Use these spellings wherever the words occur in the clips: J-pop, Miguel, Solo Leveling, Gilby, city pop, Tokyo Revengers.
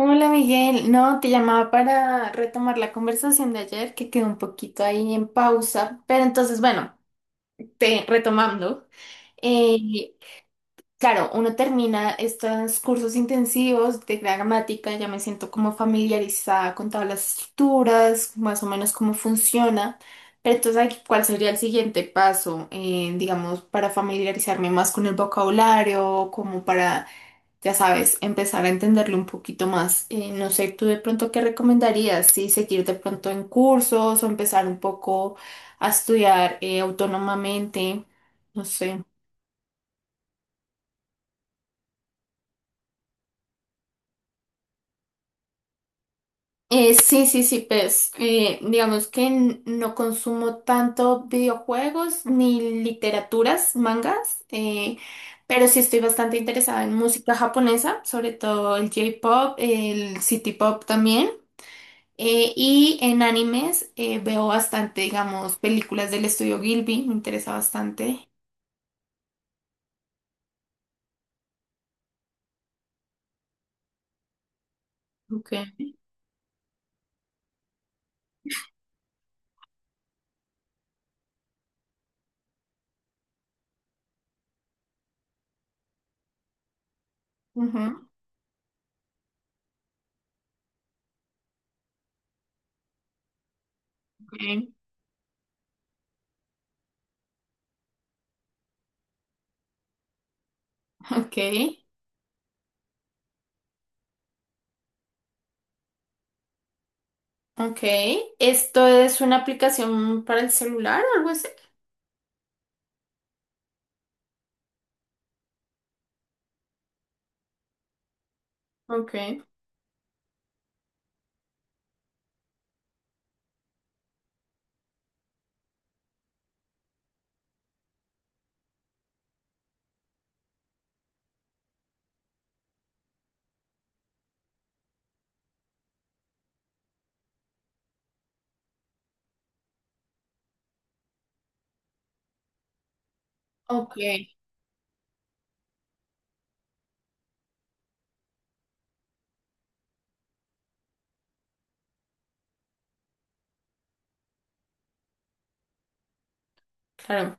Hola Miguel, no, te llamaba para retomar la conversación de ayer que quedó un poquito ahí en pausa, pero entonces bueno, te retomando, eh, claro, uno termina estos cursos intensivos de gramática, ya me siento como familiarizada con todas las estructuras, más o menos cómo funciona, pero entonces ahí, ¿cuál sería el siguiente paso, digamos, para familiarizarme más con el vocabulario, como para ya sabes, empezar a entenderlo un poquito más. No sé, tú de pronto qué recomendarías, si seguir de pronto en cursos o empezar un poco a estudiar autónomamente, no sé. Sí, sí, sí, pues digamos que no consumo tanto videojuegos ni literaturas, mangas, pero sí estoy bastante interesada en música japonesa, sobre todo el J-pop, el city pop también. Y en animes veo bastante, digamos, películas del estudio Gilby, me interesa bastante. Okay. Ujú, okay. Ok, ok. ¿Esto es una aplicación para el celular o algo así? Okay. Ok, claro.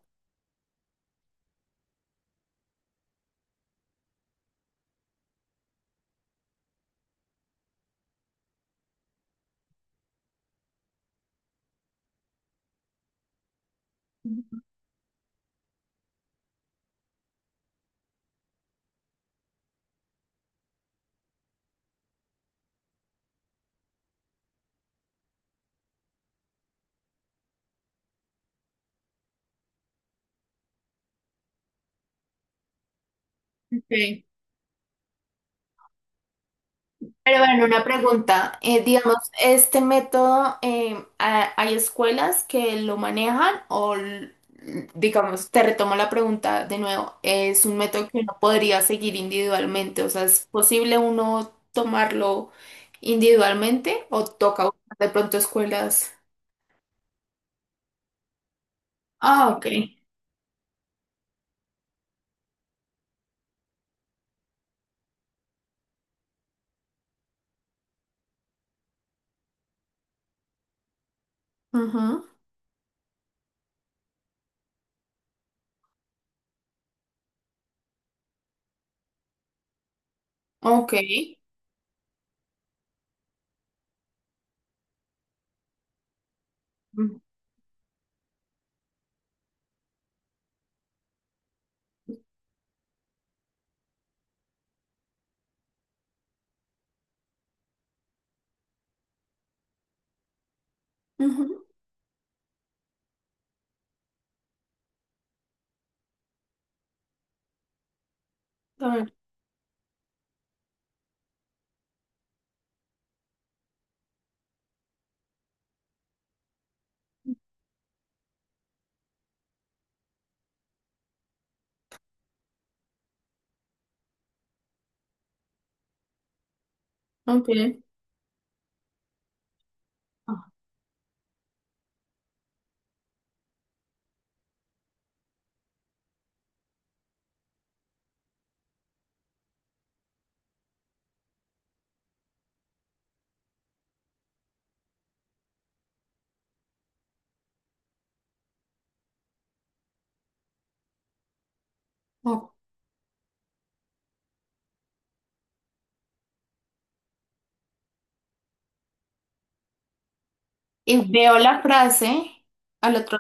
Ok. Pero bueno, una pregunta. Digamos, ¿este método hay escuelas que lo manejan o, digamos, te retomo la pregunta de nuevo, es un método que uno podría seguir individualmente? O sea, ¿es posible uno tomarlo individualmente o toca buscar de pronto escuelas? Ah, ok. Ujú, ok. Mm. Ujú, a ver, ok. Ah, ok. Y veo la frase al otro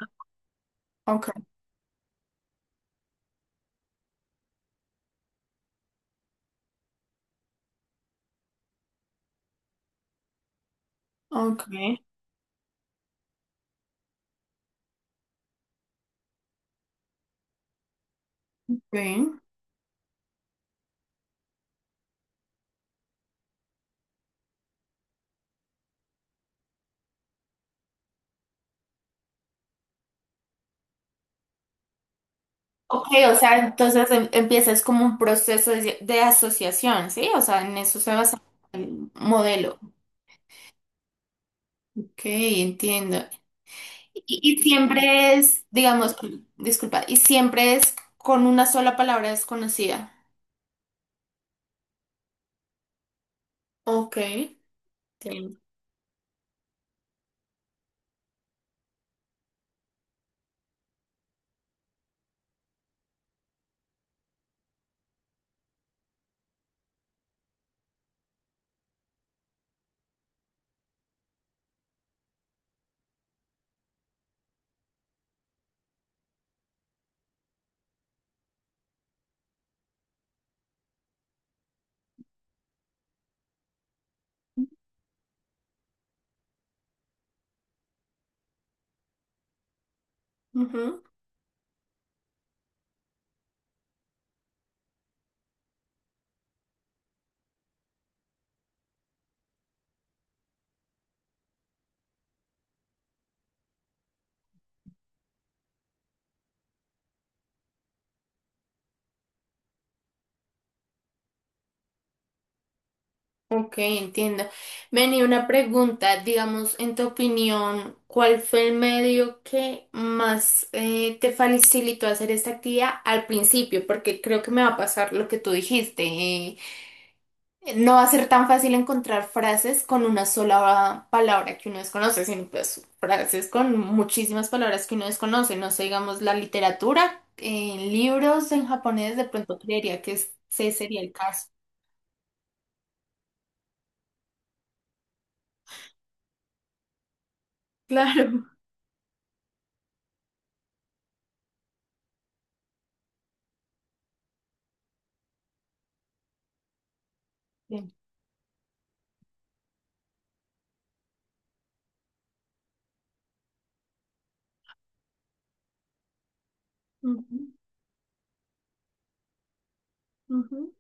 lado. Ok. Ok. Ok. Ok, o sea, entonces empieza es como un proceso de asociación, ¿sí? O sea, en eso se basa el modelo. Ok, entiendo. Y siempre es, digamos, disculpa, y siempre es con una sola palabra desconocida. Ok, entiendo. Ok, entiendo. Vení, una pregunta, digamos, en tu opinión, ¿cuál fue el medio que más te facilitó hacer esta actividad al principio? Porque creo que me va a pasar lo que tú dijiste. No va a ser tan fácil encontrar frases con una sola palabra que uno desconoce, sino pues frases con muchísimas palabras que uno desconoce. No sé, digamos, la literatura, en libros en japonés, de pronto creería que ese sería el caso. Claro. Sí. Ujú, ujú.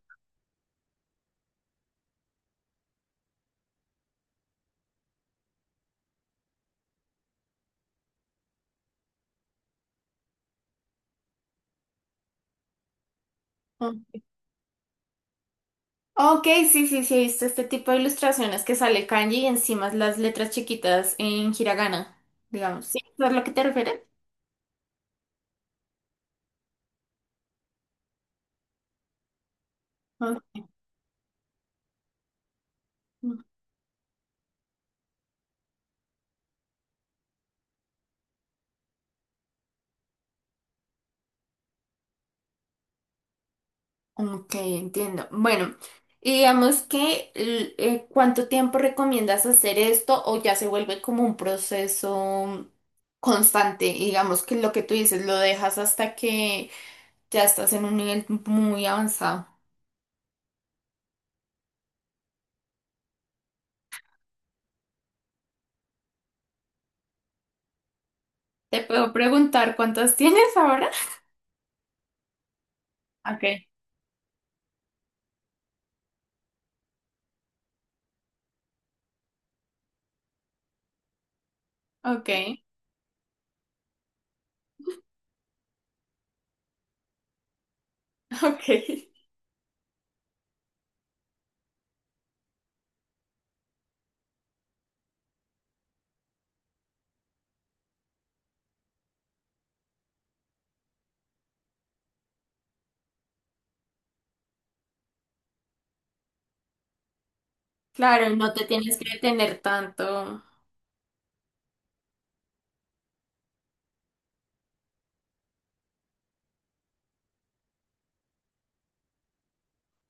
Ah. Ok, sí, sí, sí, he visto este tipo de ilustraciones que sale kanji y encima las letras chiquitas en hiragana, digamos. ¿Sí? ¿Es a lo que te refieres? Ah, ok, entiendo. Bueno, y digamos que ¿cuánto tiempo recomiendas hacer esto o ya se vuelve como un proceso constante? Digamos que lo que tú dices lo dejas hasta que ya estás en un nivel muy avanzado. ¿Te puedo preguntar cuántas tienes ahora? Ok, ok, ok. Claro, y no te tienes que detener tanto.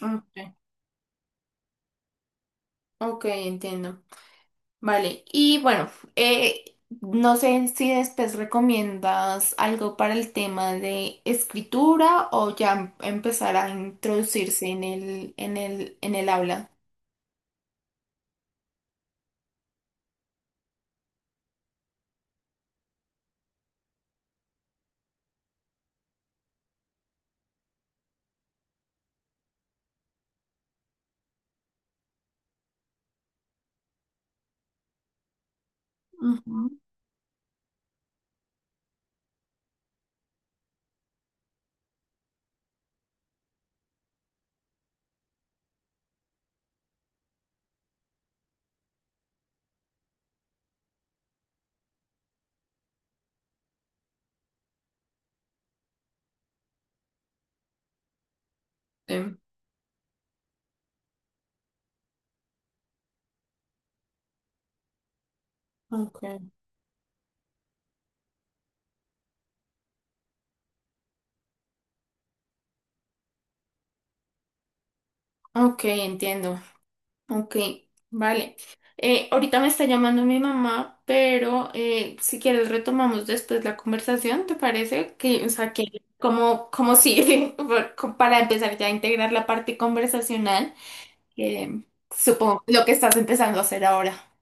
Okay, ok, entiendo. Vale, y bueno, no sé si después recomiendas algo para el tema de escritura o ya empezar a introducirse en en el habla. Ujú. Sí. Ok, ok, entiendo. Ok, vale. Ahorita me está llamando mi mamá, pero si quieres retomamos después la conversación, ¿te parece? Que, o sea, que como, como si, para empezar ya a integrar la parte conversacional, que supongo lo que estás empezando a hacer ahora.